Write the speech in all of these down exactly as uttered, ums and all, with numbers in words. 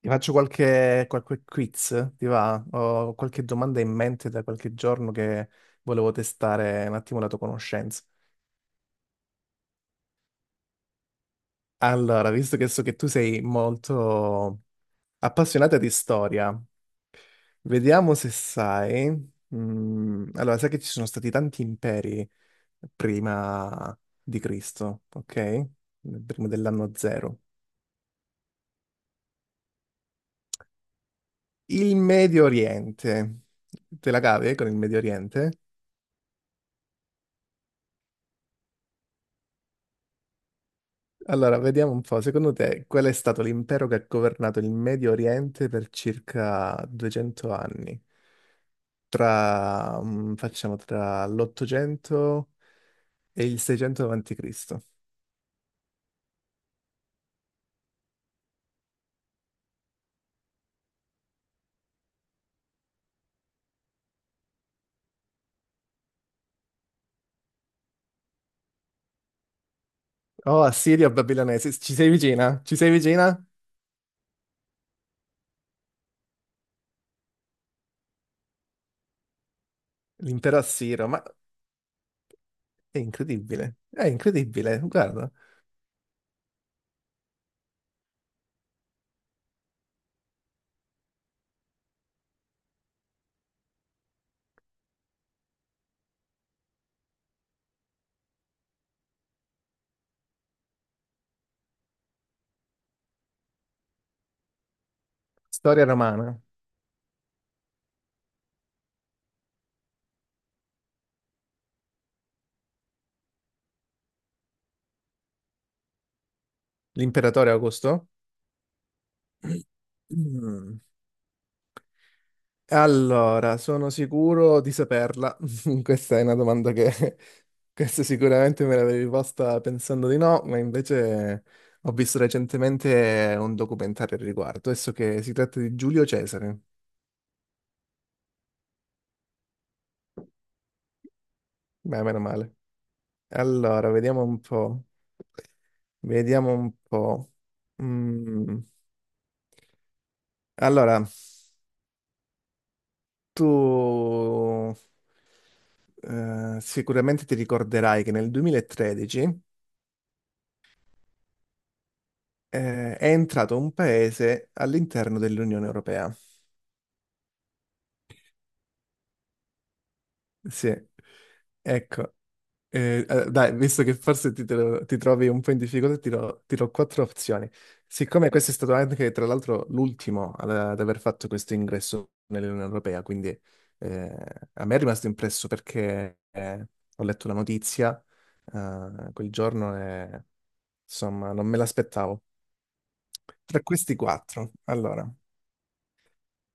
Ti faccio qualche, qualche quiz, ti va? Ho qualche domanda in mente da qualche giorno che volevo testare un attimo la tua conoscenza. Allora, visto che so che tu sei molto appassionata di storia, vediamo se sai. Mm, allora, sai che ci sono stati tanti imperi prima di Cristo, ok? Prima dell'anno zero. Il Medio Oriente. Te la cavi eh, con il Medio Oriente? Allora, vediamo un po', secondo te qual è stato l'impero che ha governato il Medio Oriente per circa duecento anni? Tra, mm, facciamo, tra l'ottocento e il seicento avanti Cristo. Oh, Assirio Babilonese, ci sei vicina? Ci sei vicina? L'impero assiro, ma è incredibile, è incredibile, guarda. Storia romana, l'imperatore Augusto? Allora, sono sicuro di saperla. Questa è una domanda che questa sicuramente me l'avevi posta pensando di no, ma invece ho visto recentemente un documentario al riguardo. Adesso che si tratta di Giulio Cesare. Beh, meno male. Allora, vediamo un po'. Vediamo un po'. Mm, Allora, tu eh, sicuramente ti ricorderai che nel duemilatredici eh, è entrato un paese all'interno dell'Unione Europea. Sì, ecco. Eh, eh, dai, visto che forse ti, te lo- ti trovi un po' in difficoltà, ti do, ti do quattro opzioni. Siccome questo è stato anche, tra l'altro, l'ultimo ad, ad aver fatto questo ingresso nell'Unione Europea, quindi eh, a me è rimasto impresso perché eh, ho letto la notizia eh, quel giorno e, insomma, non me l'aspettavo. Tra questi quattro, allora,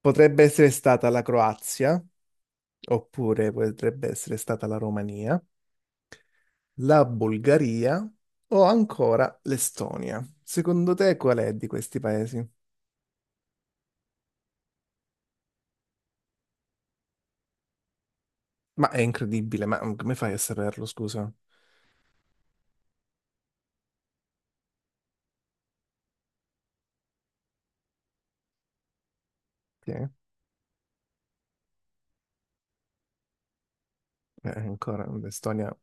potrebbe essere stata la Croazia, oppure potrebbe essere stata la Romania, la Bulgaria o ancora l'Estonia. Secondo te qual è di questi paesi? Ma è incredibile, ma come fai a saperlo, scusa? Sì, eh, ancora l'Estonia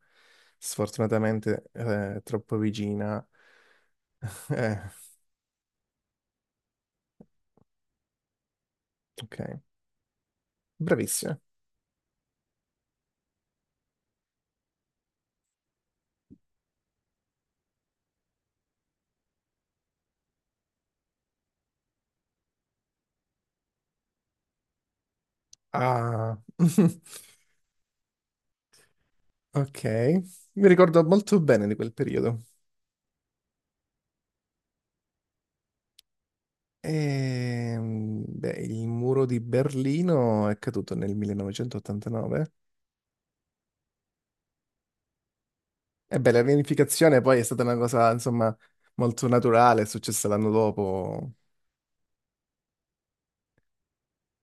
sfortunatamente eh, è troppo vicina. Eh, ok, bravissima. Ah, ok, mi ricordo molto bene di quel periodo. Ehm, beh, il muro di Berlino è caduto nel millenovecentoottantanove. E beh, la riunificazione poi è stata una cosa, insomma, molto naturale, è successa l'anno dopo.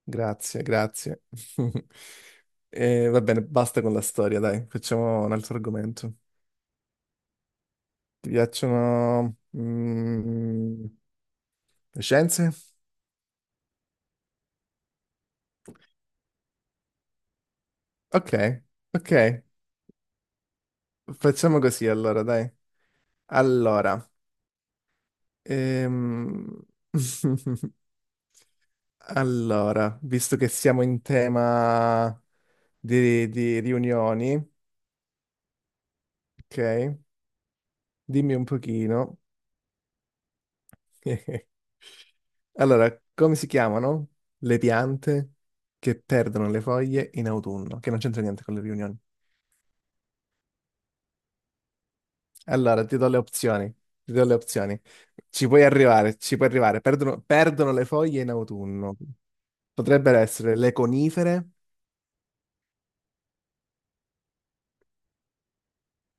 Grazie, grazie. E va bene, basta con la storia, dai, facciamo un altro argomento. Ti piacciono mm, le scienze? Ok, ok, facciamo così allora, dai. Allora, ehm... Allora, visto che siamo in tema di, di riunioni, ok? Dimmi un pochino. Allora, come si chiamano le piante che perdono le foglie in autunno? Che non c'entra niente con le riunioni. Allora, ti do le opzioni. Ti do le opzioni. Ci puoi arrivare, ci puoi arrivare. Perdono, perdono le foglie in autunno. Potrebbero essere le conifere,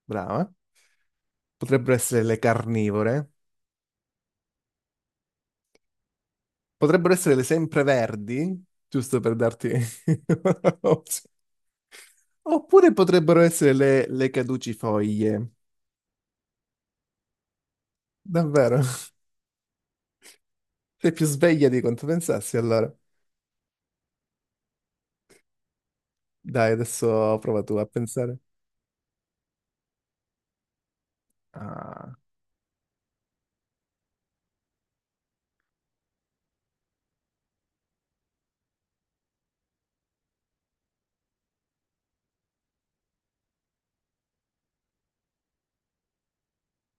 brava. Potrebbero essere le carnivore. Potrebbero essere le sempreverdi, giusto per darti un'opzione. Oppure potrebbero essere le, le caducifoglie. Davvero? Sei più sveglia di quanto pensassi, allora. Dai, adesso prova tu a pensare. Ah,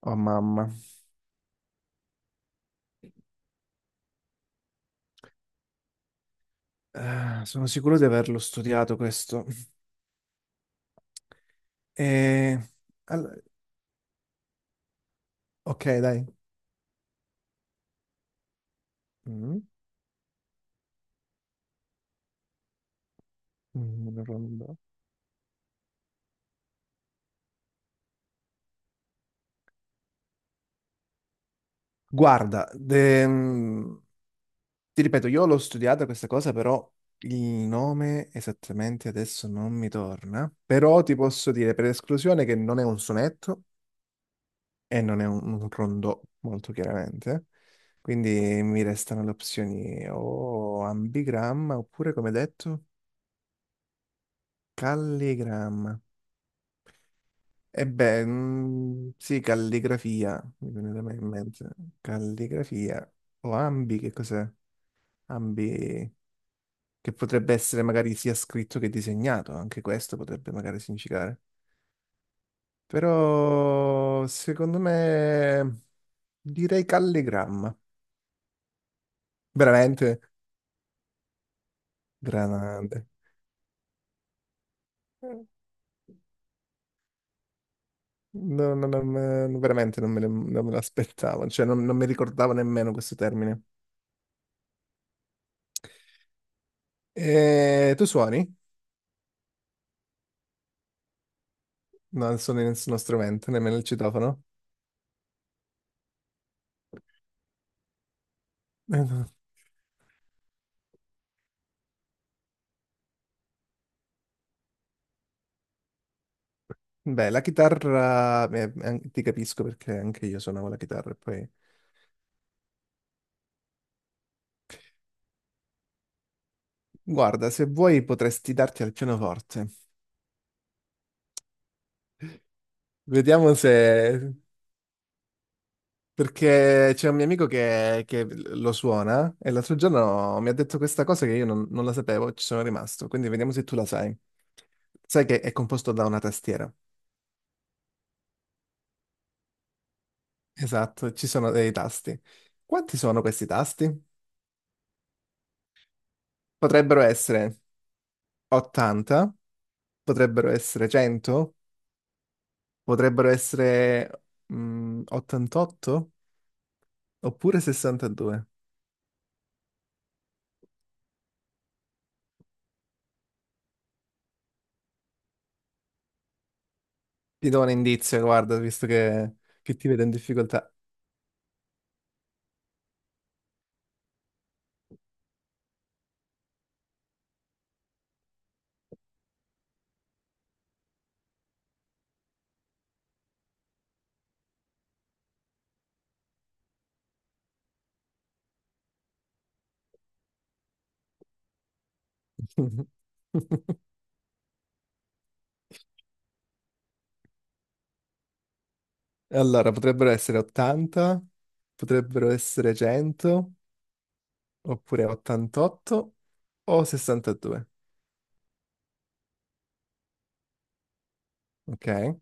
oh mamma. Eh, sono sicuro di averlo studiato questo. E... all- Ok, dai. Mm, mm, una ronda. Guarda, de- ti ripeto, io l'ho studiata questa cosa, però il nome esattamente adesso non mi torna. Però ti posso dire per esclusione che non è un sonetto e non è un, un rondò, molto chiaramente. Quindi mi restano le opzioni o ambigramma oppure, come detto, calligramma. E beh, mm, sì, calligrafia, mi viene da me in mente. Calligrafia o ambi, che cos'è? Ambi. Che potrebbe essere magari sia scritto che disegnato, anche questo potrebbe magari significare. Però secondo me direi calligramma, veramente grande. No, no, no, me- no, veramente non me, le- non me l'aspettavo, cioè non, non mi ricordavo nemmeno questo termine. E tu suoni? No, non suoni nessuno strumento, nemmeno il citofono. Eh, no. Beh, la chitarra, eh, an- ti capisco perché anche io suonavo la chitarra e poi guarda, se vuoi potresti darti al pianoforte. Vediamo se... Perché c'è un mio amico che, che lo suona e l'altro giorno mi ha detto questa cosa che io non, non la sapevo, ci sono rimasto. Quindi vediamo se tu la sai. Sai che è composto da una tastiera. Esatto, ci sono dei tasti. Quanti sono questi tasti? Potrebbero essere ottanta, potrebbero essere cento, potrebbero essere mm, ottantotto oppure sessantadue. Ti do un indizio, guarda, visto che, che ti vedo in difficoltà. Allora, potrebbero essere ottanta, potrebbero essere cento, oppure ottantotto o sessantadue, ok?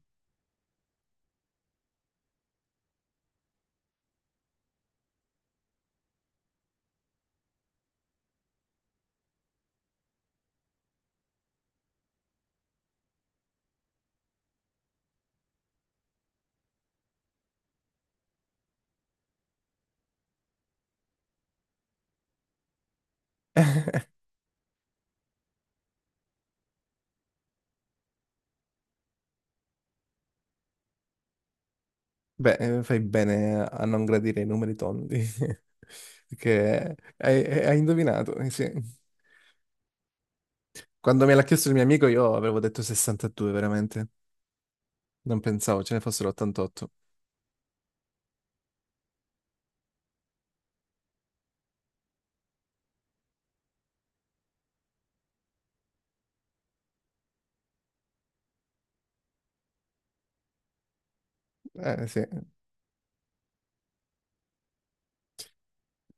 Beh, eh, fai bene a non gradire i numeri tondi, perché hai, hai hai indovinato, eh, sì. Quando me l'ha chiesto il mio amico io avevo detto sessantadue, veramente. Non pensavo ce ne fossero ottantotto. Eh sì,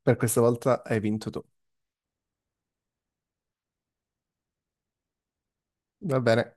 per questa volta hai vinto tu. Va bene.